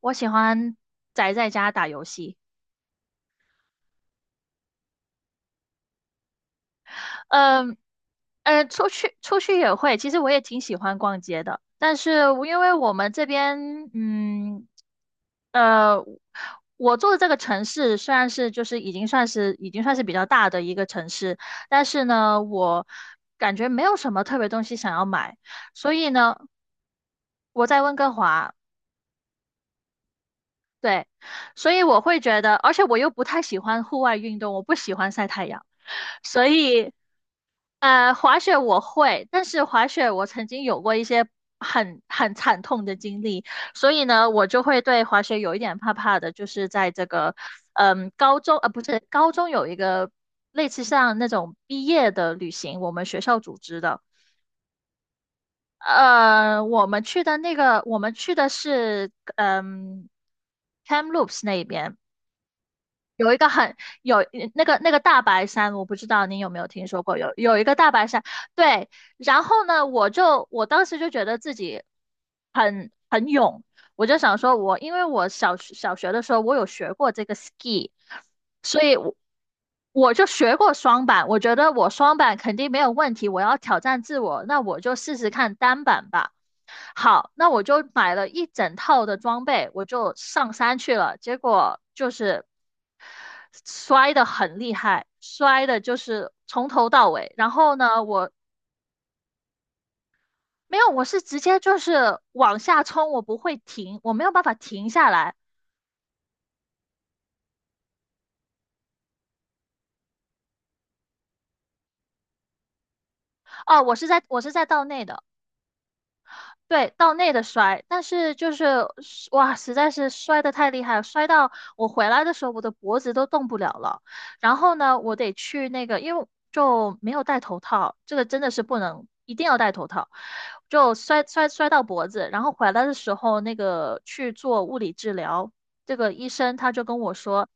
我喜欢宅在家打游戏。嗯，出去也会，其实我也挺喜欢逛街的。但是因为我们这边，呃，我住的这个城市虽然就是已经算是比较大的一个城市，但是呢，我感觉没有什么特别东西想要买。所以呢，我在温哥华。对，所以我会觉得，而且我又不太喜欢户外运动，我不喜欢晒太阳。所以滑雪我会，但是滑雪我曾经有过一些很惨痛的经历，所以呢，我就会对滑雪有一点怕怕的。就是在这个，高中，不是，高中有一个类似像那种毕业的旅行，我们学校组织的。我们去的是，Kamloops 那边。有一个很有那个大白山，我不知道你有没有听说过，有一个大白山。对，然后呢，我当时就觉得自己，我就想说因为我小学的时候我有学过这个 ski,所以我就学过双板，我觉得我双板肯定没有问题，我要挑战自我，那我就试试看单板吧。好，那我就买了一整套的装备，我就上山去了。结果就是摔得很厉害，摔的就是从头到尾。然后呢，我没有，我是直接就是往下冲，我不会停，我没有办法停下来。哦，我是在道内的。对，到内的摔，但是就是哇，实在是摔得太厉害了，摔到我回来的时候，我的脖子都动不了了。然后呢，我得去那个，因为就没有戴头套，这个真的是不能，一定要戴头套。就摔到脖子，然后回来的时候，那个去做物理治疗，这个医生他就跟我说。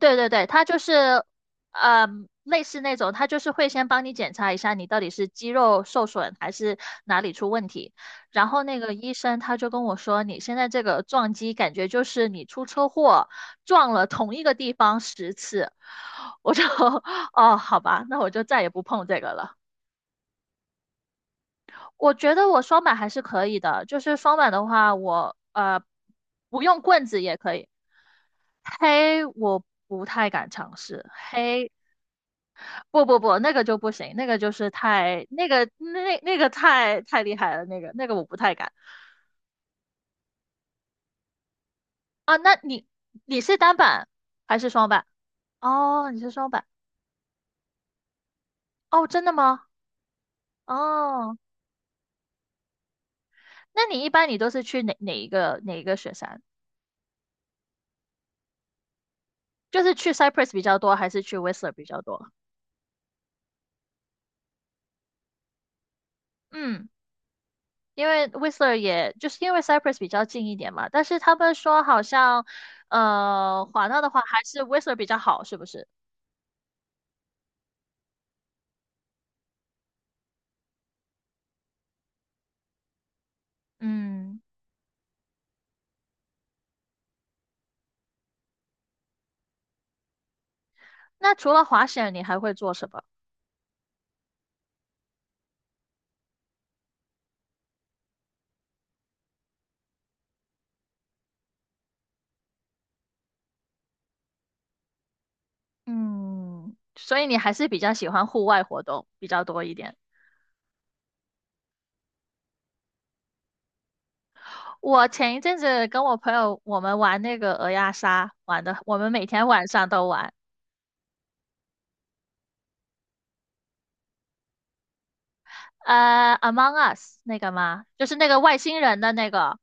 对对对，它就是，呃类似那种，它就是会先帮你检查一下你到底是肌肉受损还是哪里出问题。然后那个医生他就跟我说，你现在这个撞击感觉就是你出车祸撞了同一个地方10次。我就 哦，好吧，那我就再也不碰这个了。我觉得我双板还是可以的，就是双板的话，我不用棍子也可以。黑我不太敢尝试，黑不不不，那个就不行，那个就是太那个那个太厉害了，那个我不太敢。啊，那你是单板还是双板？哦，你是双板。哦，真的吗？哦，那你一般你都是去哪一个雪山？就是去 Cypress 比较多，还是去 Whistler 比较多？嗯，因为 Whistler 也就是因为 Cypress 比较近一点嘛，但是他们说好像滑道的话还是 Whistler 比较好，是不是？嗯，那除了滑雪，你还会做什么？嗯，所以你还是比较喜欢户外活动比较多一点。我前一阵子跟我朋友我们玩那个鹅鸭杀，玩的我们每天晚上都玩。Among Us 那个吗？就是那个外星人的那个。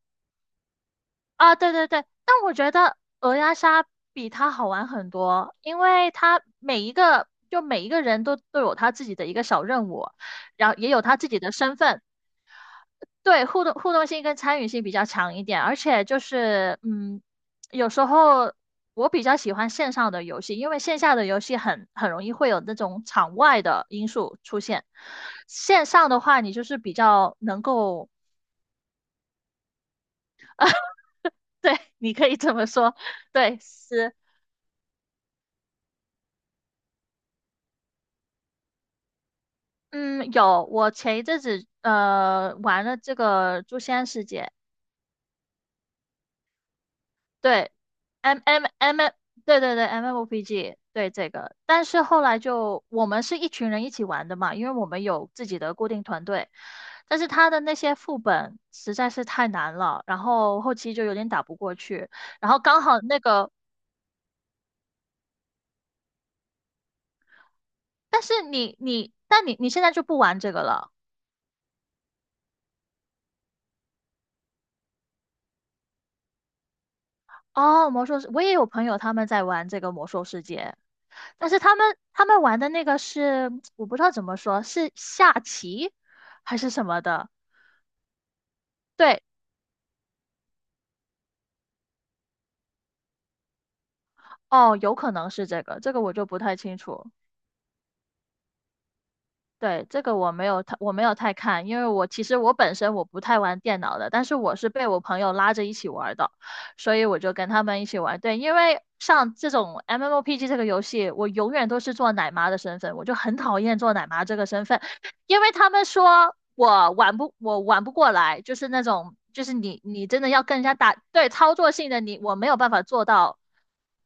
啊，对对对。但我觉得鹅鸭杀比它好玩很多，因为它每一个人都有他自己的一个小任务，然后也有他自己的身份。对，互动性跟参与性比较强一点，而且就是，有时候我比较喜欢线上的游戏，因为线下的游戏很容易会有那种场外的因素出现。线上的话，你就是比较能够，对，你可以这么说。对，是，嗯，有，我前一阵子玩了这个《诛仙世界》。对，M M M，对对对，MMOPG,对这个。但是后来就我们是一群人一起玩的嘛，因为我们有自己的固定团队。但是他的那些副本实在是太难了，然后后期就有点打不过去。然后刚好那个，但你现在就不玩这个了。哦，魔兽世，我也有朋友他们在玩这个魔兽世界，但是他们玩的那个是 我不知道怎么说，是下棋还是什么的。对。哦，有可能是这个，这个我就不太清楚。对，这个我没有太看，因为我其实本身不太玩电脑的，但是我是被我朋友拉着一起玩的。所以我就跟他们一起玩。对，因为像这种 MMOPG 这个游戏，我永远都是做奶妈的身份，我就很讨厌做奶妈这个身份，因为他们说我玩不过来，就是那种就是你真的要跟人家打，对操作性的我没有办法做到。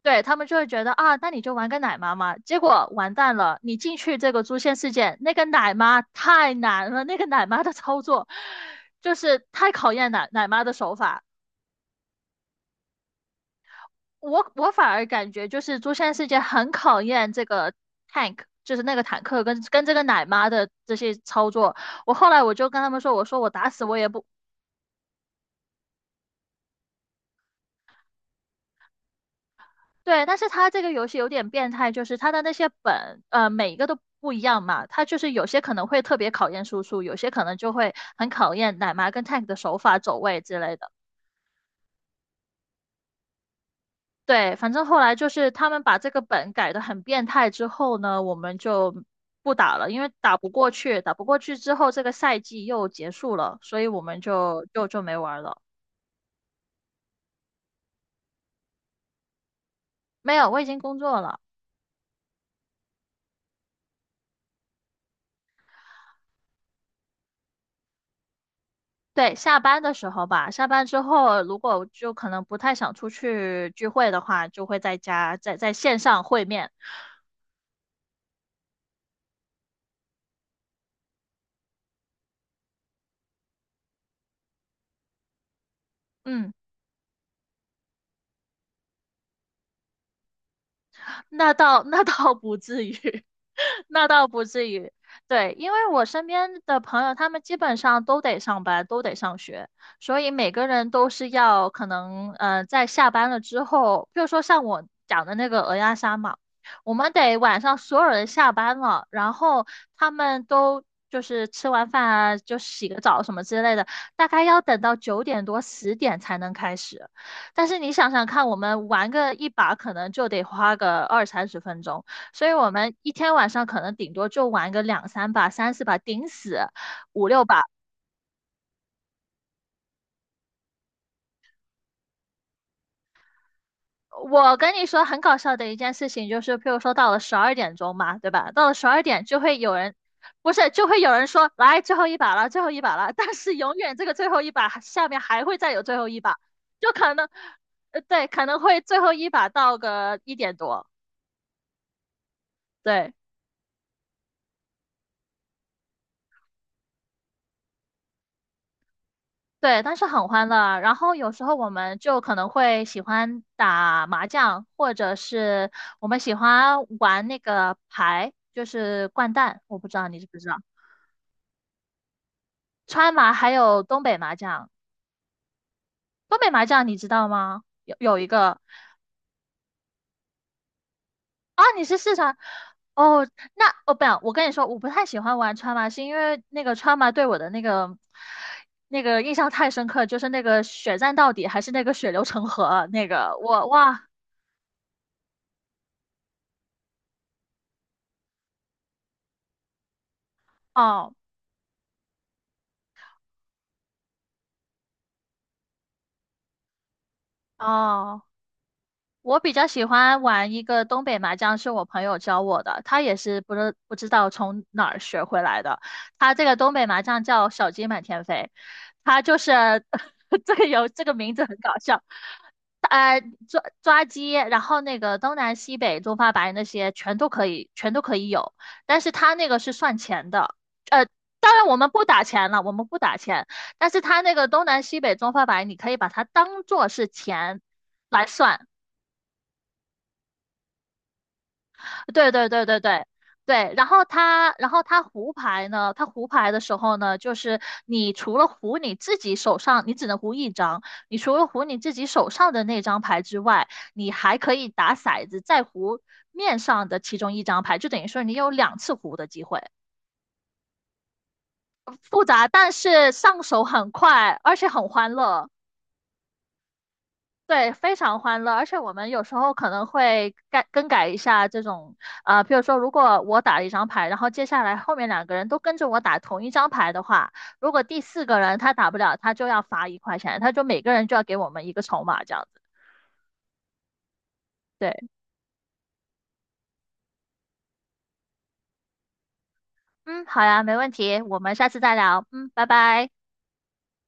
对，他们就会觉得啊，那你就玩个奶妈嘛。结果完蛋了，你进去这个诛仙世界，那个奶妈太难了，那个奶妈的操作就是太考验奶妈的手法。我反而感觉就是《诛仙世界》很考验这个 tank,就是那个坦克跟这个奶妈的这些操作。我后来就跟他们说，我说我打死我也不。对，但是他这个游戏有点变态，就是他的那些本，每一个都不一样嘛。他就是有些可能会特别考验输出，有些可能就会很考验奶妈跟 tank 的手法、走位之类的。对，反正后来就是他们把这个本改得很变态之后呢，我们就不打了，因为打不过去，打不过去之后这个赛季又结束了，所以我们就没玩了。没有，我已经工作了。对，下班的时候吧，下班之后如果就可能不太想出去聚会的话，就会在家在线上会面。嗯。那倒 那倒不至于，那倒不至于。对，因为我身边的朋友，他们基本上都得上班，都得上学，所以每个人都是要可能，在下班了之后，比如说像我讲的那个鹅鸭杀嘛，我们得晚上所有人下班了，然后他们都就是吃完饭啊，就洗个澡什么之类的，大概要等到9点多10点才能开始。但是你想想看，我们玩个一把可能就得花个二三十分钟，所以我们一天晚上可能顶多就玩个两三把、三四把，顶死五六把。我跟你说，很搞笑的一件事情就是，譬如说到了12点钟嘛，对吧？到了十二点就会有人，不是，就会有人说来最后一把了，最后一把了。但是永远这个最后一把下面还会再有最后一把，就可能，对，可能会最后一把到个1点多。对。对，但是很欢乐。然后有时候我们就可能会喜欢打麻将，或者是我们喜欢玩那个牌，就是掼蛋。我不知道你知不知道，川麻还有东北麻将。东北麻将你知道吗？有有一个啊，你是四川哦？那哦不，我跟你说，我不太喜欢玩川麻，是因为那个川麻对我的那个印象太深刻，就是那个血战到底，还是那个血流成河那个我哇哦。哦，我比较喜欢玩一个东北麻将，是我朋友教我的，他也是不知道从哪儿学回来的。他这个东北麻将叫小鸡满天飞，他就是 这个有这个名字很搞笑，呃，抓鸡，然后那个东南西北中发白那些全都可以，全都可以有，但是他那个是算钱的。呃。当然，我们不打钱了，我们不打钱。但是他那个东南西北中发白，你可以把它当做是钱来算。对对对对对对，然后它，然后它胡牌呢，它胡牌的时候呢，就是你除了胡你自己手上，你只能胡一张，你除了胡你自己手上的那张牌之外，你还可以打骰子再胡面上的其中一张牌，就等于说你有2次胡的机会。复杂，但是上手很快，而且很欢乐。对，非常欢乐，而且我们有时候可能会改更改一下这种，比如说，如果我打了一张牌，然后接下来后面两个人都跟着我打同一张牌的话，如果第四个人他打不了，他就要罚1块钱，他就每个人就要给我们一个筹码这样子。对，嗯，好呀，没问题，我们下次再聊，嗯，拜拜。